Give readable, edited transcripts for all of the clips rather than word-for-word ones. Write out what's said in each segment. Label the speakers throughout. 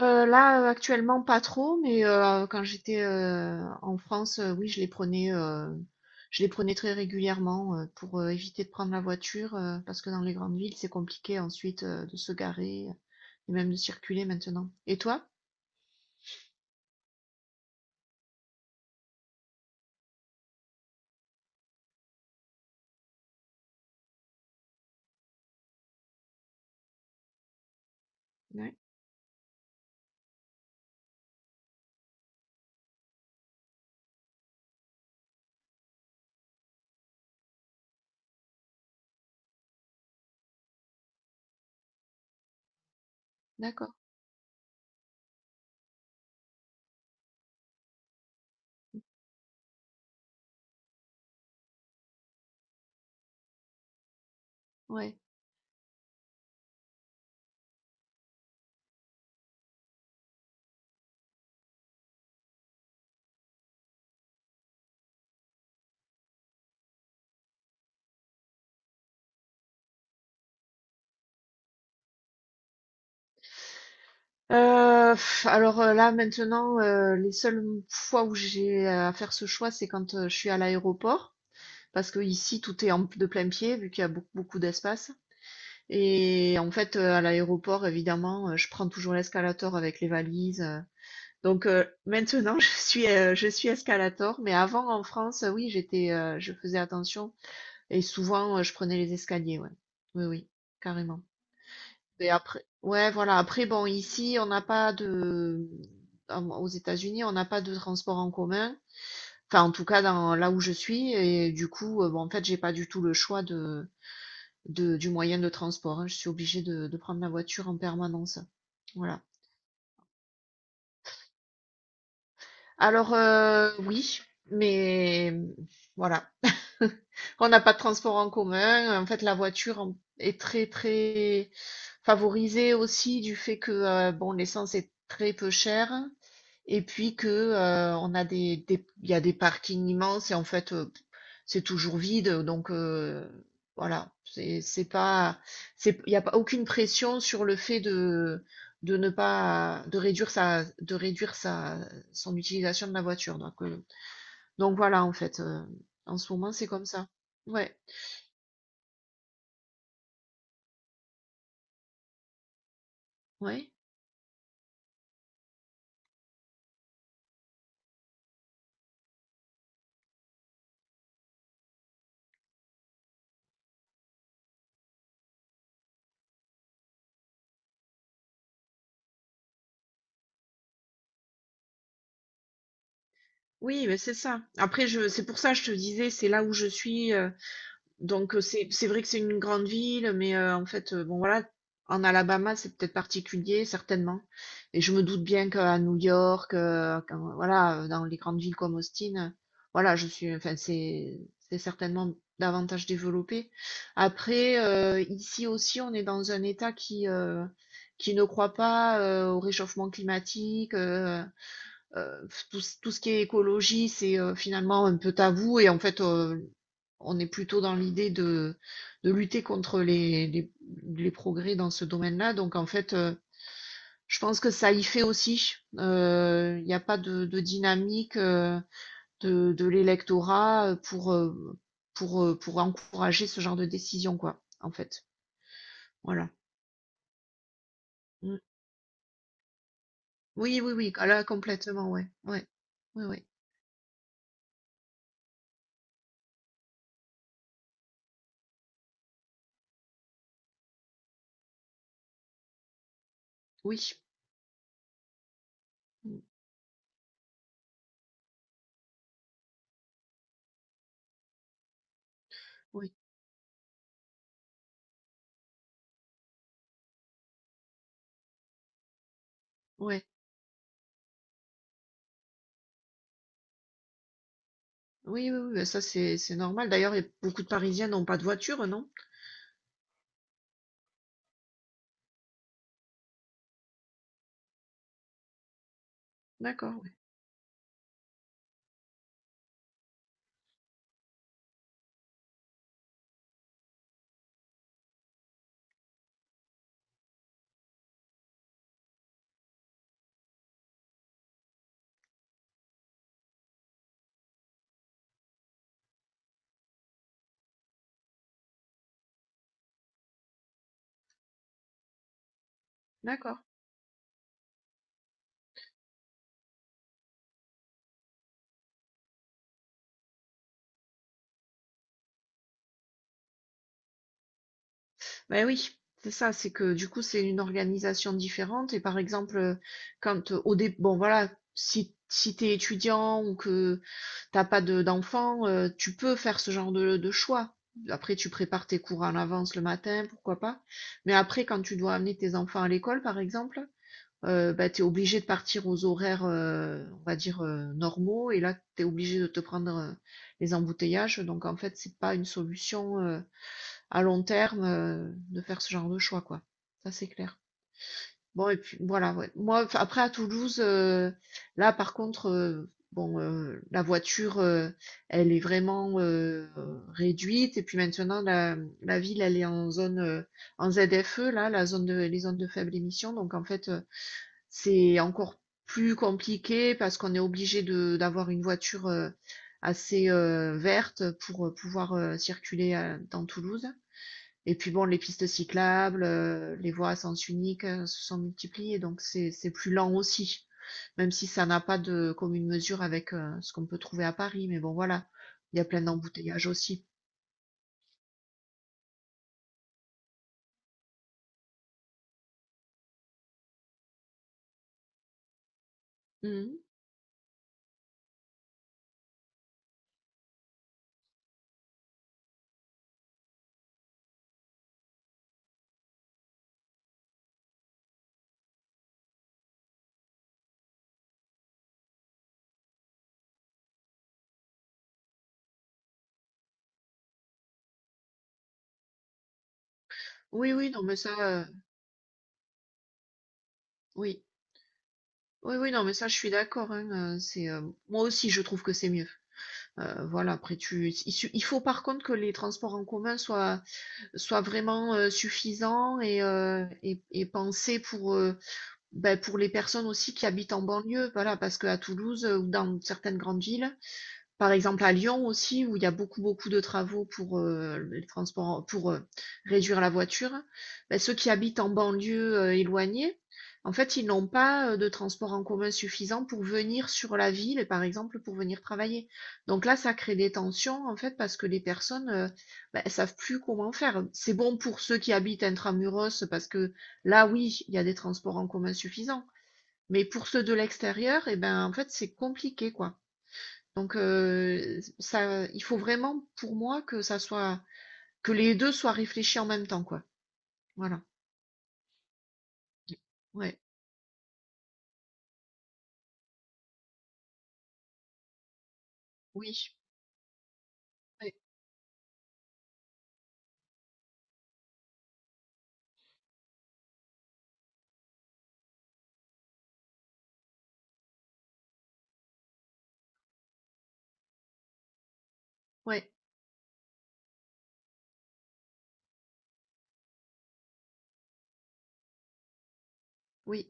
Speaker 1: Là, actuellement, pas trop, mais quand j'étais en France, oui, je les prenais, je les prenais très régulièrement pour éviter de prendre la voiture, parce que dans les grandes villes, c'est compliqué ensuite de se garer et même de circuler maintenant. Et toi? Ouais, d'accord, ouais. Alors, là, maintenant, les seules fois où j'ai à faire ce choix, c'est quand je suis à l'aéroport, parce que ici, tout est en, de plein pied, vu qu'il y a beaucoup, beaucoup d'espace. Et en fait, à l'aéroport, évidemment, je prends toujours l'escalator avec les valises, donc maintenant je suis, je suis escalator, mais avant en France, oui, je faisais attention et souvent, je prenais les escaliers, ouais. Oui, oui, carrément. Et après, ouais, voilà, après bon, ici, on n'a pas de à aux États-Unis, on n'a pas de transport en commun, enfin, en tout cas dans là où je suis, et du coup, bon, en fait, j'ai pas du tout le choix de du moyen de transport, hein. Je suis obligée de prendre la voiture en permanence. Voilà. Alors, oui, mais voilà. On n'a pas de transport en commun. En fait, la voiture en- est très, très favorisée aussi du fait que, bon, l'essence est très peu chère. Et puis que, on a il y a des parkings immenses et en fait, c'est toujours vide. Donc, voilà. C'est pas, c'est, il n'y a pas aucune pression sur le fait de ne pas, de de réduire sa, son utilisation de la voiture. Donc voilà, en fait, en ce moment, c'est comme ça. Ouais, ouais. Oui, mais c'est ça. Après je c'est pour ça, que je te disais, c'est là où je suis, heu. Donc c'est vrai que c'est une grande ville, mais en fait, bon voilà, en Alabama, c'est peut-être particulier, certainement. Et je me doute bien qu'à New York, quand voilà, dans les grandes villes comme Austin, voilà, je suis enfin, c'est certainement davantage développé. Après, ici aussi, on est dans un État qui ne croit pas, au réchauffement climatique, tout ce qui est écologie, c'est, finalement un peu tabou et en fait, on est plutôt dans l'idée de lutter contre les progrès dans ce domaine-là. Donc en fait, je pense que ça y fait aussi. Il n'y a pas de, de dynamique de l'électorat pour, pour encourager ce genre de décision, quoi, en fait. Voilà. Mm. Oui, oui, oui. Ah là, complètement, ouais. Ouais. Oui, oui. Oui. Mm. Oui. Ouais. Oui, oui, oui. Bah ça, c'est normal. D'ailleurs, il y a beaucoup de Parisiens n'ont pas de voiture, non? D'accord, ouais. D'accord. Ben oui, c'est ça, c'est que du coup, c'est une organisation différente. Et par exemple, quand au dé bon voilà, si, si tu es étudiant ou que t'as pas de d'enfants, tu peux faire ce genre de choix. Après, tu prépares tes cours en avance le matin, pourquoi pas. Mais après, quand tu dois amener tes enfants à l'école, par exemple, ben, tu es obligé de partir aux horaires, on va dire, normaux. Et là, tu es obligé de te prendre les embouteillages. Donc, en fait, c'est pas une solution à long terme de faire ce genre de choix, quoi. Ça, c'est clair. Bon, et puis voilà, ouais. Moi, enfin, après, à Toulouse, là, par contre, bon, la voiture, elle est vraiment réduite. Et puis maintenant, la ville, elle est en zone, en ZFE, là, la zone de, les zones de faible émission. Donc, en fait, c'est encore plus compliqué parce qu'on est obligé de, d'avoir une voiture assez verte pour pouvoir circuler dans Toulouse. Et puis bon, les pistes cyclables, les voies à sens unique se sont multipliées, donc c'est plus lent aussi, même si ça n'a pas de commune mesure avec ce qu'on peut trouver à Paris. Mais bon, voilà, il y a plein d'embouteillages aussi. Mhm. Oui, oui, non, mais ça, oui, oui, oui, non, mais ça, je suis d'accord, hein, c'est moi aussi, je trouve que c'est mieux. Voilà, après, tu, il, su- il faut par contre que les transports en commun soient vraiment suffisants et et pensés pour ben, pour les personnes aussi qui habitent en banlieue, voilà, parce qu'à Toulouse, ou dans certaines grandes villes, par exemple à Lyon aussi où il y a beaucoup, beaucoup de travaux pour, les transports pour, réduire la voiture, bah, ceux qui habitent en banlieue, éloignée, en fait, ils n'ont pas, de transports en commun suffisants pour venir sur la ville et par exemple pour venir travailler. Donc là, ça crée des tensions, en fait, parce que les personnes, bah, elles savent plus comment faire. C'est bon pour ceux qui habitent intra-muros parce que là, oui, il y a des transports en commun suffisants, mais pour ceux de l'extérieur et ben, en fait, c'est compliqué, quoi. Donc, ça il faut vraiment pour moi que ça soit que les 2 soient réfléchis en même temps, quoi. Voilà. Ouais. Oui. Ouais. Ouais. Oui.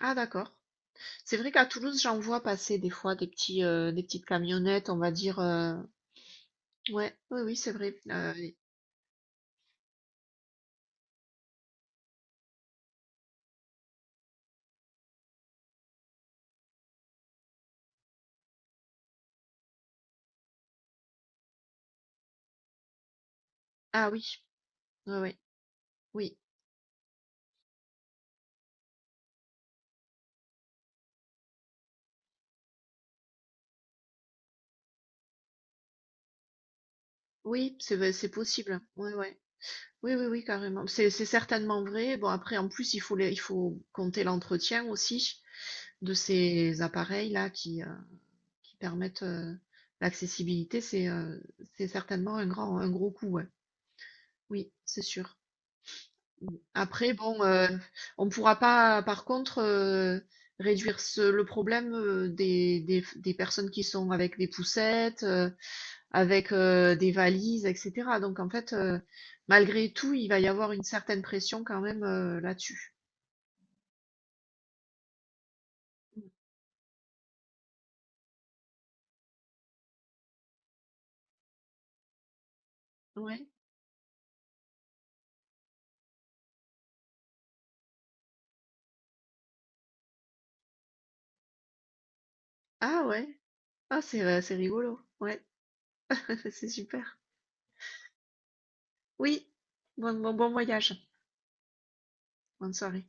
Speaker 1: Ah d'accord. C'est vrai qu'à Toulouse, j'en vois passer des fois des petits, des petites camionnettes, on va dire, heu. Ouais, oui, oui, c'est vrai. Ah oui, ouais, ouais. Oui. Oui, c'est v c'est possible. Ouais, ouais. Oui, oui, oui, carrément. C'est certainement vrai. Bon après en plus, il faut les il faut compter l'entretien aussi de ces appareils-là qui permettent l'accessibilité, c'est certainement un grand, un gros coup, ouais. Oui, c'est sûr. Mm. Après, bon, on ne pourra pas, par contre, réduire ce, le problème des personnes qui sont avec des poussettes, avec des valises, etc. Donc, en fait, malgré tout, il va y avoir une certaine pression quand même là-dessus. Mm. Ouais. Ah ouais. Ah, c'est rigolo. Ouais, c'est super. Oui. Bon, bon, bon voyage. Bonne soirée.